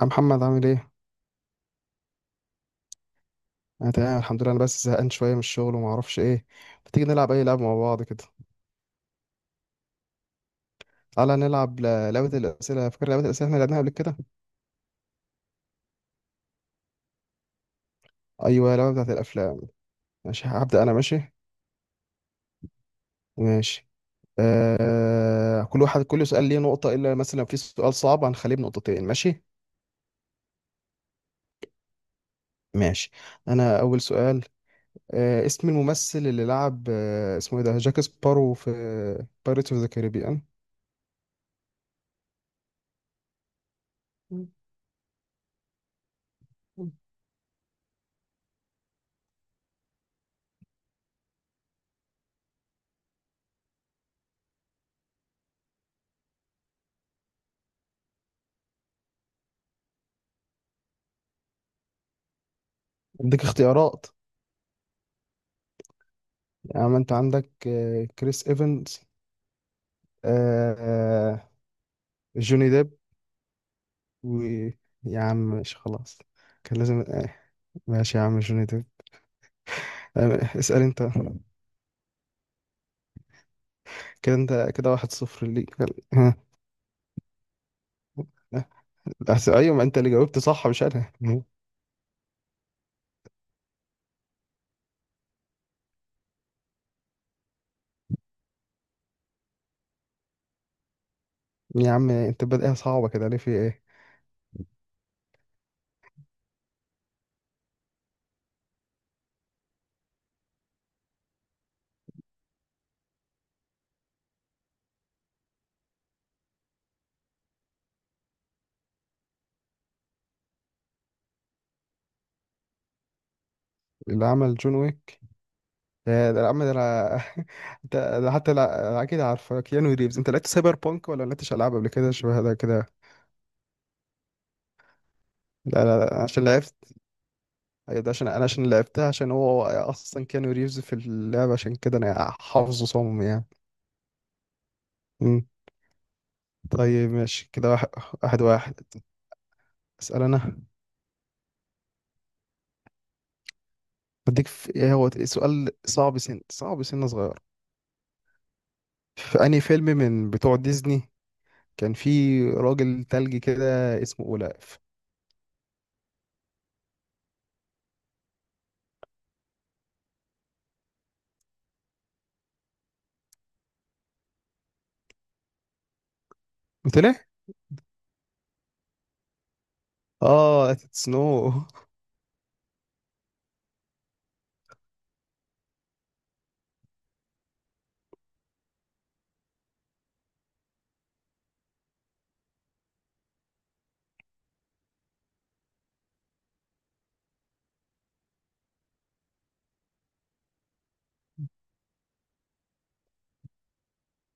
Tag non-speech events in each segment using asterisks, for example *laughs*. يا محمد، عامل ايه؟ انا تمام الحمد لله. انا بس زهقان شويه من الشغل وما اعرفش ايه. ما تيجي نلعب اي لعبه مع بعض كده. تعالى نلعب لعبه الاسئله. فاكر لعبه الاسئله؟ احنا لعبناها قبل كده. ايوه، اللعبه بتاعت الافلام. ماشي هبدا انا. ماشي ماشي. كل واحد، كل سؤال ليه نقطه، الا مثلا في سؤال صعب هنخليه بنقطتين. ماشي. ماشي، انا اول سؤال. اسم الممثل اللي لعب، اسمه ايه ده، جاك سبارو في بايرتس اوف ذا كاريبيان. اديك *laughs* اختيارات. يعني انت عندك كريس ايفنز، آه جوني ديب، و. يا عم ماشي خلاص. كان لازم ماشي يا عم، جوني ديب. اسأل انت. كده انت كده واحد صفر ليك. آه. ايوه، ما انت اللي جاوبت صح مش انا. يا عم، انت بادئها صعبة كده ليه؟ في ايه؟ اللي عمل جون ويك؟ يا ده عم، ده انا *laughs* انت. ده حتى لا اكيد عارفه، كيانو ريفز. انت لعبت سايبر بانك ولا لعبتش العاب قبل كده شبه ده كده؟ لا لا لا، عشان لعبت. ايوه، ده عشان انا، عشان لعبتها، عشان هو اصلا كانو ريفز في اللعبه، عشان كده انا حافظه صم يعني مم. طيب، ماشي كده واحد واحد واحد. اسال انا. بديك في ايه، هو سؤال صعب، سن صغير. في انهي فيلم من بتوع ديزني كان في راجل تلج كده اسمه اولاف؟ قلت ليه اه سنو.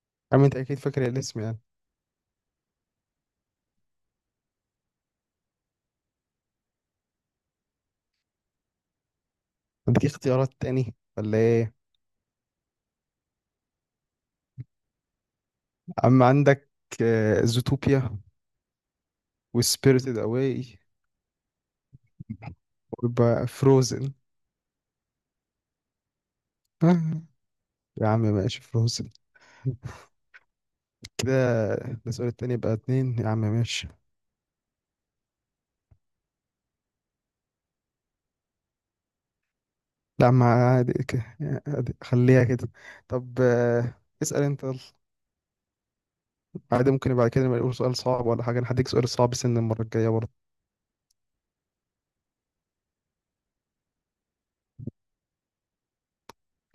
*laughs* عم انت اكيد فاكر الاسم يعني. بديك اختيارات تاني ولا ايه؟ عم عندك زوتوبيا، وسبيريتد اواي، ويبقى فروزن. آه، يا عم ماشي، فروزن. كده ده السؤال التاني، بقى اتنين يا عم، ماشي. لا ما عادي عادي، خليها كده. طب اسأل انت يلا. عادي، ممكن بعد كده نبقى نقول سؤال صعب ولا حاجة. انا هديك سؤال صعب سن المرة الجاية برضه.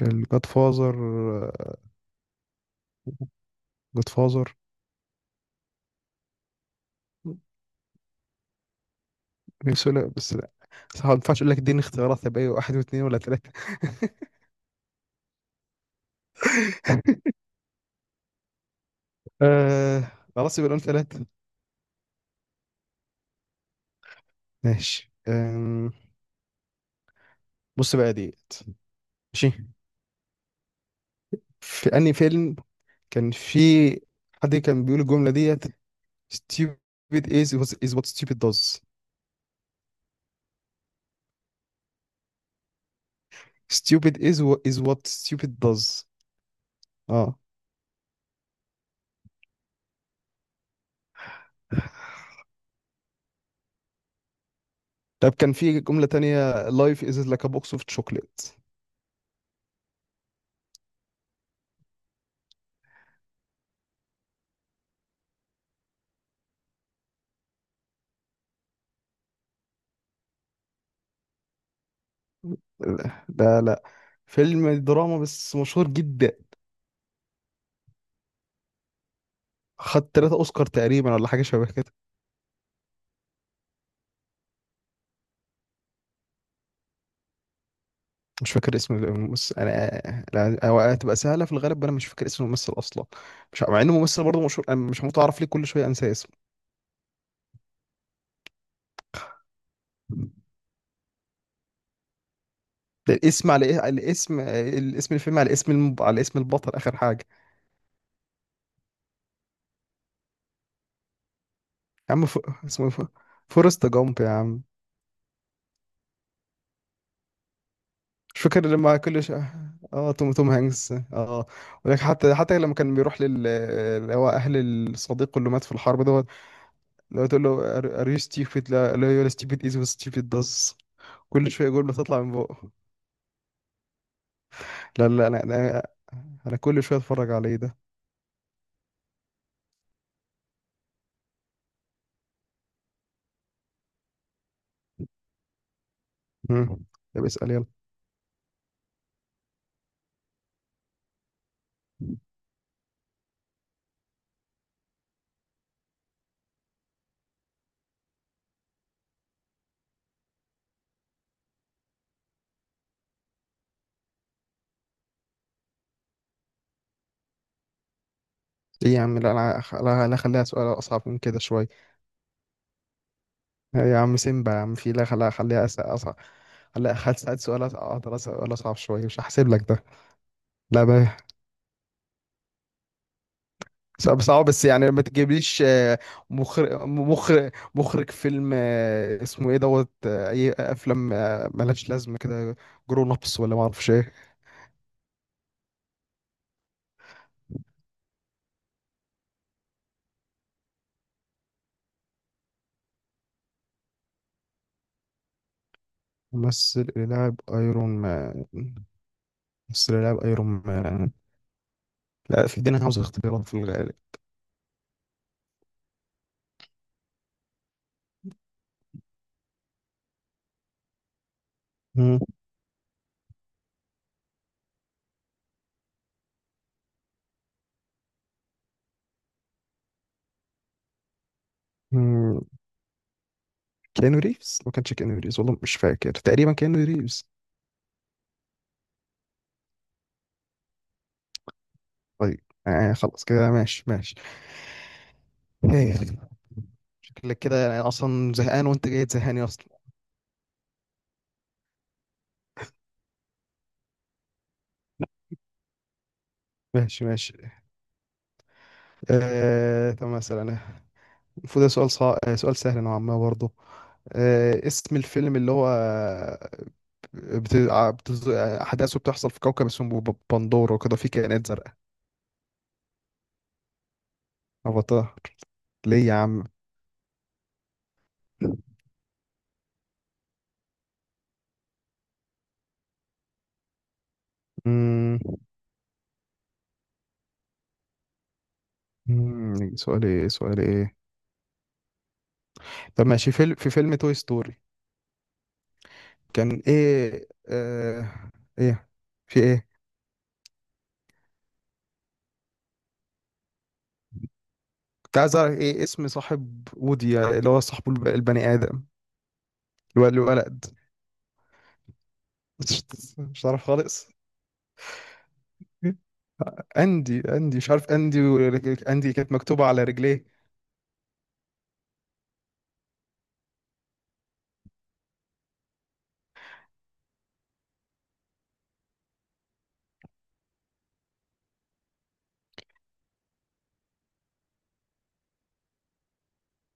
الجاد فازر. جاد فازر. بس لا، بس ما ينفعش اقول لك. اديني اختيارات، هيبقى ايه، واحد واثنين ولا ثلاثة؟ *laughs* آه خلاص يبقى نقول ثلاثة. ماشي. بص بقى ديت. ماشي، في أنهي فيلم كان في حد كان بيقول الجملة ديت: stupid is is what stupid does. stupid is what is what stupid does. اه طب كان في جملة تانية: life is like a box of chocolate. لا ده لا. فيلم دراما بس مشهور جدا. خد تلاتة أوسكار تقريبا ولا حاجة شبه كده. مش فاكر اسم الممثل أنا، لا. هو هتبقى سهلة في الغالب، أنا مش فاكر اسم الممثل أصلا. مش مع إنه ممثل برضه مشهور، أنا مش متعرف ليه كل شوية أنسى اسمه. ده الاسم على الاسم، الفيلم على اسم على اسم البطل اخر حاجه. يا عم اسمه فورست جامب يا عم. مش فاكر لما اه توم هانكس اه ولكن حتى لما كان بيروح لل، اللي هو اهل الصديق اللي مات في الحرب دوت، اللي هو تقول له: ار يو ستيبيد؟ لا لا، يو ستيبيد از ستيبيد داز. كل شويه جمله تطلع من بقه. لا لا، انا انا كل شويه اتفرج عليه ده مم. طب اسال يلا. ايه يا عم، لا انا لا لا، خليها سؤال اصعب من كده شويه. يا عم سيمبا يا عم. في، لا، خليها خليها أصعب. خليها هسأل سؤال أقدر أسأل سؤال أصعب شوية، مش هحسب لك ده. لا بقى. صعب صعب بس يعني، ما تجيبليش مخرج فيلم اسمه إيه دوت أي أفلام ملهاش لازمة كده، جرون أبس ولا ما أعرفش إيه. ممثل اللي لاعب أيرون مان، ممثل اللي لاعب أيرون مان. لا، في دينا عاوز اختيارات في الغالب مم. مم. كيانو ريفز، ما كانش كيانو ريفز، والله مش فاكر، تقريبا كيانو ريفز. طيب، يعني خلاص كده، ماشي ماشي. هي. شكلك كده يعني اصلا زهقان وانت جاي تزهقني اصلا. ماشي ماشي. طب مثلا، المفروض ده سؤال سهل نوعا ما برضه. اسم الفيلم اللي هو أحداثه بتحصل في كوكب اسمه بندورة وكده، فيه كائنات زرقاء. أفاتار. ليه يا عم؟ مم. سؤال إيه، سؤال إيه. طب ماشي. في فيلم توي ستوري كان إيه، إيه في إيه، كنت عايز اعرف ايه اسم صاحب وودي اللي هو صاحبه البني ادم، اللي هو الولد. *laughs* مش مش عارف خالص. اندي مش عارف، اندي اندي كانت مكتوبه على رجليه.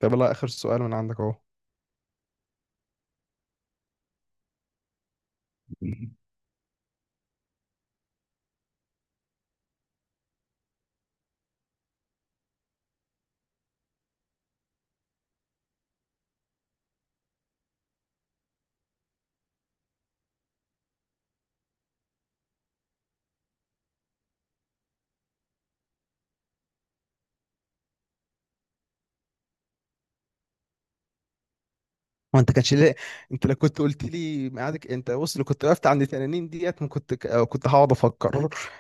طب لا اخر سؤال من عندك اهو. *laughs* هو انت كانش ليه، انت لو كنت قلت لي ميعادك، انت بص، لو كنت وقفت عند 80 ديت ما كنت أو كنت هقعد افكر. *laughs*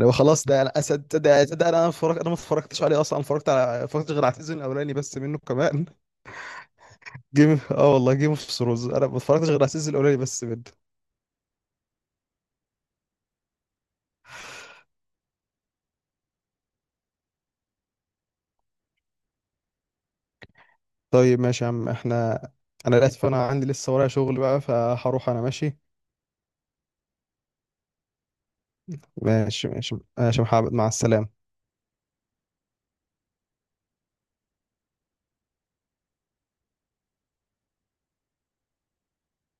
لو خلاص ده انا اسد، ده انا اتفرجت. انا ما اتفرجتش عليه اصلا، اتفرجت غير على السيزون الاولاني بس منه كمان. جيم اه والله جيم اوف ثرونز انا ما اتفرجتش غير على السيزون الاولاني بس منه. طيب ماشي يا عم، انا للاسف انا عندي لسه ورايا شغل بقى، فهروح انا، ماشي. ماشي ماشي ماشي يا محمد، مع السلامة.